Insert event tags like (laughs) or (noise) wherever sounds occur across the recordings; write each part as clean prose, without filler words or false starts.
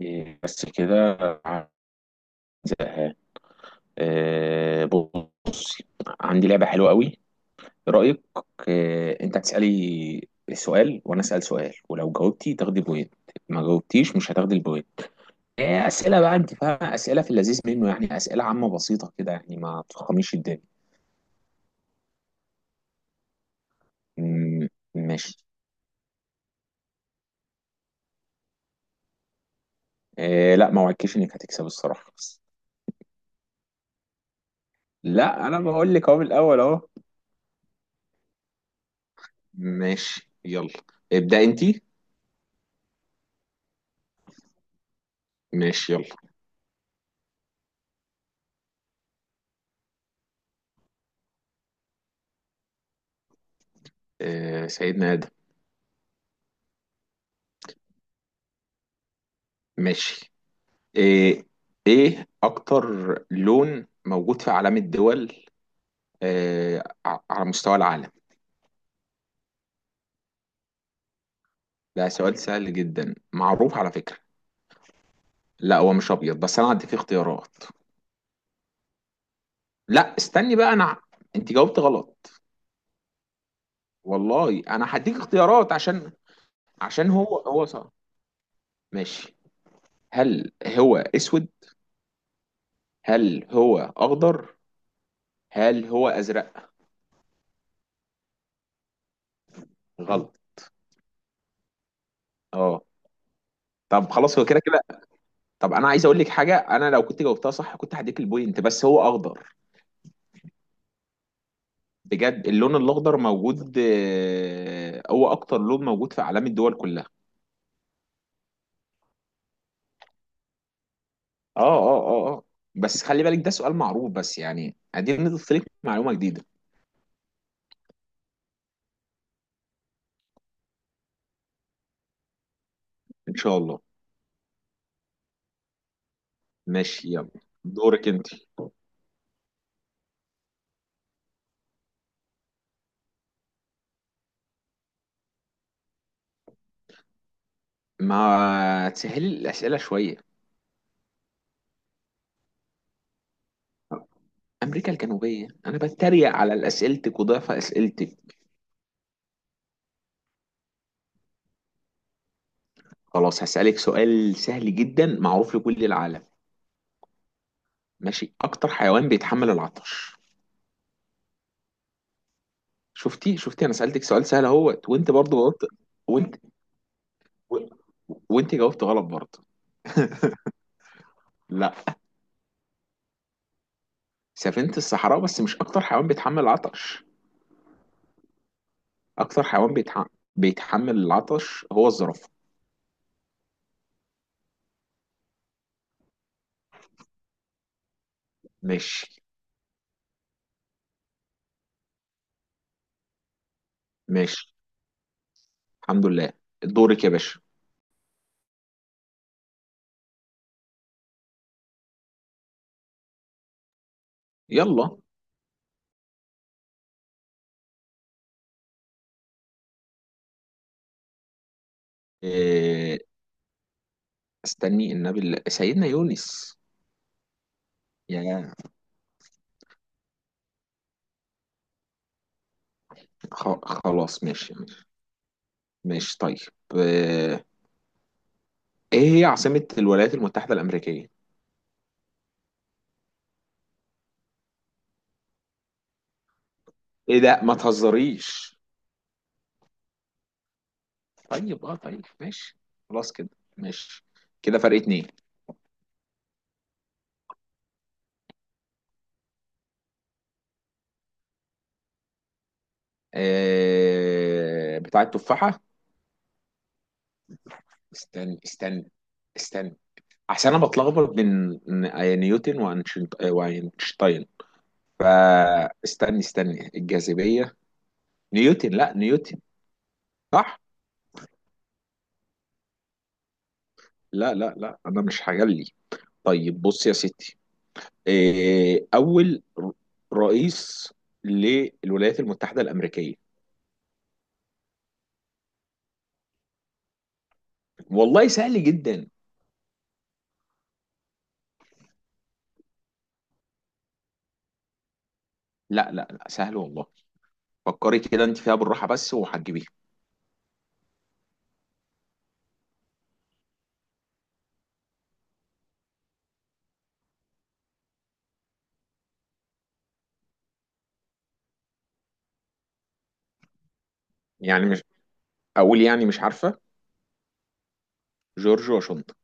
إيه، بس كده زهقان. إيه، بص، عندي لعبة حلوة قوي. إيه رأيك؟ إيه، انت هتسألي سؤال وانا أسأل سؤال، ولو جاوبتي تاخدي بوينت. ما جاوبتيش، مش هتاخدي البوينت. إيه، أسئلة بقى انت فاهمة، أسئلة في اللذيذ منه، يعني أسئلة عامة بسيطة كده، يعني ما تفخميش الدنيا. مم، ماشي. إيه، لا، ما وعدتكيش انك هتكسب الصراحة بس. لا، انا بقول لك اهو من الاول اهو. ماشي يلا، ابدأ انت. ماشي يلا. إيه، سيدنا آدم. ماشي. إيه، إيه أكتر لون موجود في علام الدول، إيه على مستوى العالم؟ ده سؤال سهل جدا، معروف على فكرة. لا، هو مش أبيض، بس أنا هديك اختيارات. لا استني بقى أنا، أنت جاوبت غلط. والله أنا هديك اختيارات، عشان هو هو صح. ماشي. هل هو أسود؟ هل هو أخضر؟ هل هو أزرق؟ غلط. أه. طب خلاص، هو كده كده. طب أنا عايز أقول لك حاجة، أنا لو كنت جاوبتها صح كنت هديك البوينت، بس هو أخضر. بجد، اللون الاخضر موجود، هو اكتر لون موجود في اعلام الدول كلها. اه اه اه اه. بس خلي بالك، ده سؤال معروف، بس يعني ادينا نضيف لك معلومه جديده. ان شاء الله. ماشي يلا، دورك انت. ما تسهلي الاسئله شويه. امريكا الجنوبيه، انا بتريق على اسئلتك وضعف اسئلتك. خلاص هسالك سؤال سهل جدا معروف لكل العالم. ماشي، اكتر حيوان بيتحمل العطش. شفتي شفتي، انا سالتك سؤال سهل اهوت، وانت برضو قلت. وانت و... وانت جاوبت غلط برضه. (laughs) لا. سفينة الصحراء، بس مش أكتر حيوان بيتحمل العطش. أكتر حيوان بيتحمل العطش هو الزرافة. ماشي ماشي، الحمد لله. دورك يا باشا. يلا. إيه... استني، النبي سيدنا يونس. يا خلاص ماشي ماشي. ماشي طيب. آه، ايه هي عاصمة الولايات المتحدة الأمريكية؟ ايه ده، ما تهزريش. طيب اه، طيب ماشي، خلاص كده، ماشي. كده فرق اتنين. بتاع التفاحة. استنى استنى استنى، عشان انا بتلخبط بين نيوتن واينشتاين. فاستني استني الجاذبية، نيوتن، لا نيوتن. صح. لا لا لا، انا مش هجلي. طيب بص يا ستي، اول رئيس للولايات المتحدة الأمريكية. والله سهل جدا. لا لا لا، سهل والله. فكري كده انت فيها بالراحة بس، وهتجيبيها. يعني مش، اقول يعني مش عارفة. جورج واشنطن.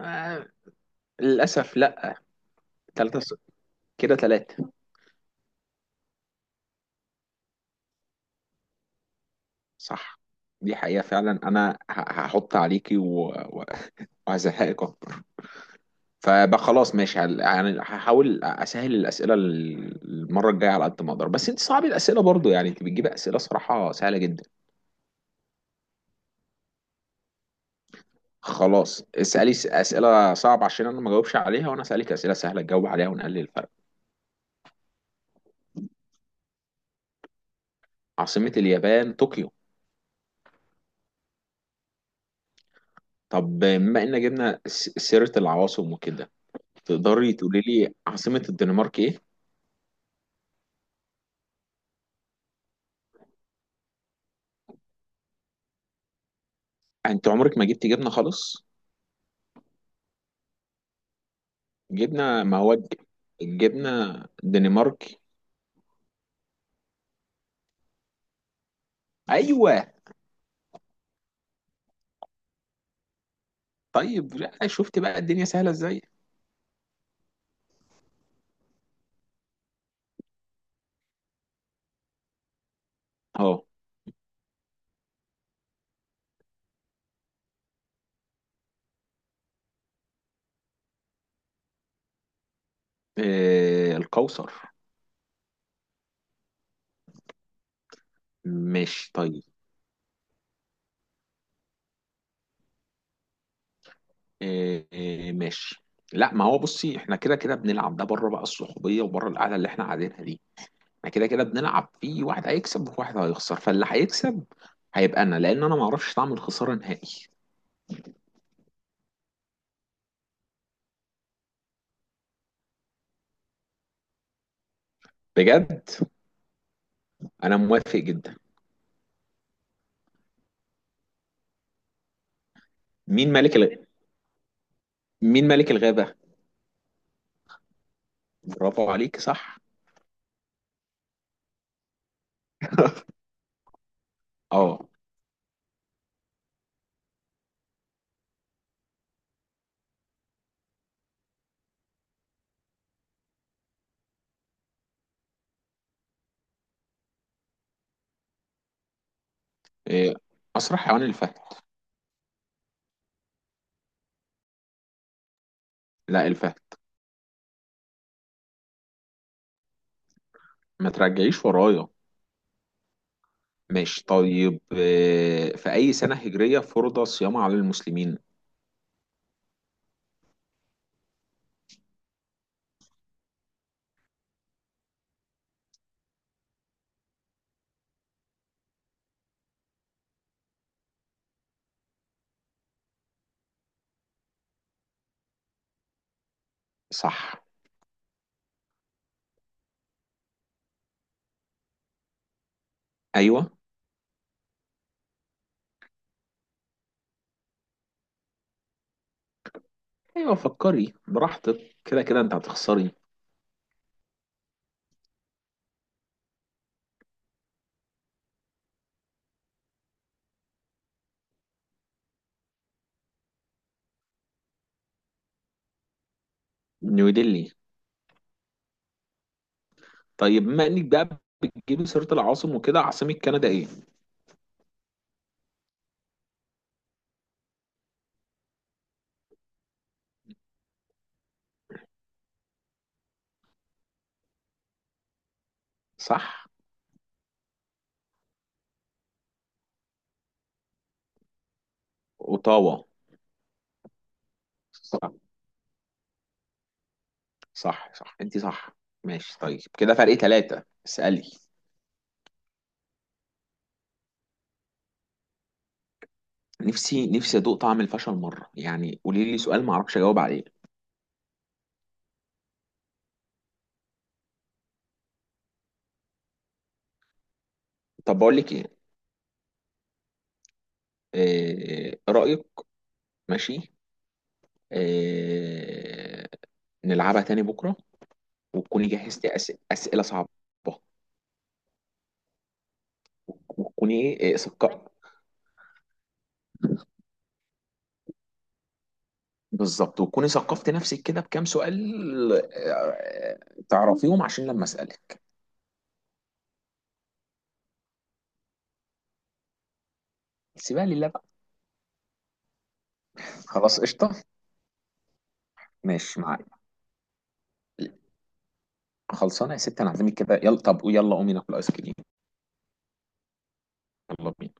آه، للأسف لا. تلاتة ص- كده تلاتة. صح. دي حقيقة فعلا، أنا هحط عليكي وهزهقك أكتر. فبقى خلاص ماشي، يعني هحاول أسهل الأسئلة المرة الجاية على قد ما أقدر، بس أنت صعب الأسئلة برضو، يعني أنت بتجيبي أسئلة صراحة سهلة جدا. خلاص اسألي أسئلة صعبة عشان أنا ما جاوبش عليها، وأنا أسألك أسئلة سهلة تجاوب عليها ونقلل الفرق. عاصمة اليابان طوكيو. طب بما إن جبنا سيرة العواصم وكده، تقدري تقولي لي عاصمة الدنمارك إيه؟ انت عمرك ما جبت جبنه خالص. جبنه مواد. الجبنه دنمارك. ايوه. طيب، لا شفت بقى الدنيا سهله ازاي. اهو. آه، القوصر. ماشي طيب. آه، آه، ماشي. لا، ما هو بصي، احنا كده كده بنلعب، ده بره بقى الصحوبيه وبره القعده اللي احنا قاعدينها دي. احنا كده كده بنلعب، في واحد هيكسب وواحد هيخسر، فاللي هيكسب هيبقى انا، لان انا ما اعرفش طعم الخساره نهائي. بجد. انا موافق جدا. مين ملك الغ... مين ملك الغابه؟ برافو عليك، صح. اه. إيه، اسرع حيوان الفهد. لا الفهد. ما ترجعيش ورايا. ماشي طيب، إيه، في اي سنة هجرية فرض الصيام على المسلمين؟ صح. ايوه. ايوه فكري براحتك، كده كده انت هتخسري. نيو ديلي. طيب بما انك بقى بتجيبي سيرة العاصم وكده، عاصمة كندا ايه؟ صح اوتاوا. صح صح، صح انت صح. ماشي طيب، كده فرق ثلاثة، اسألي. نفسي نفسي ادوق طعم الفشل مرة، يعني قولي لي سؤال ما اعرفش اجاوب عليه. طب بقول لك ايه، رأيك. ماشي. آه، نلعبها تاني بكرة، وتكوني جهزتي أسئلة صعبة. وتكوني إيه بالظبط، وتكوني ثقفتي نفسك كده بكام سؤال، تعرفيهم عشان لما أسألك. سيبها لله بقى. خلاص قشطة. ماشي معاك. خلصانة يا ست، أنا هعزمك كده يلا، طب يلا قومي ناكل آيس كريم. يلا بينا.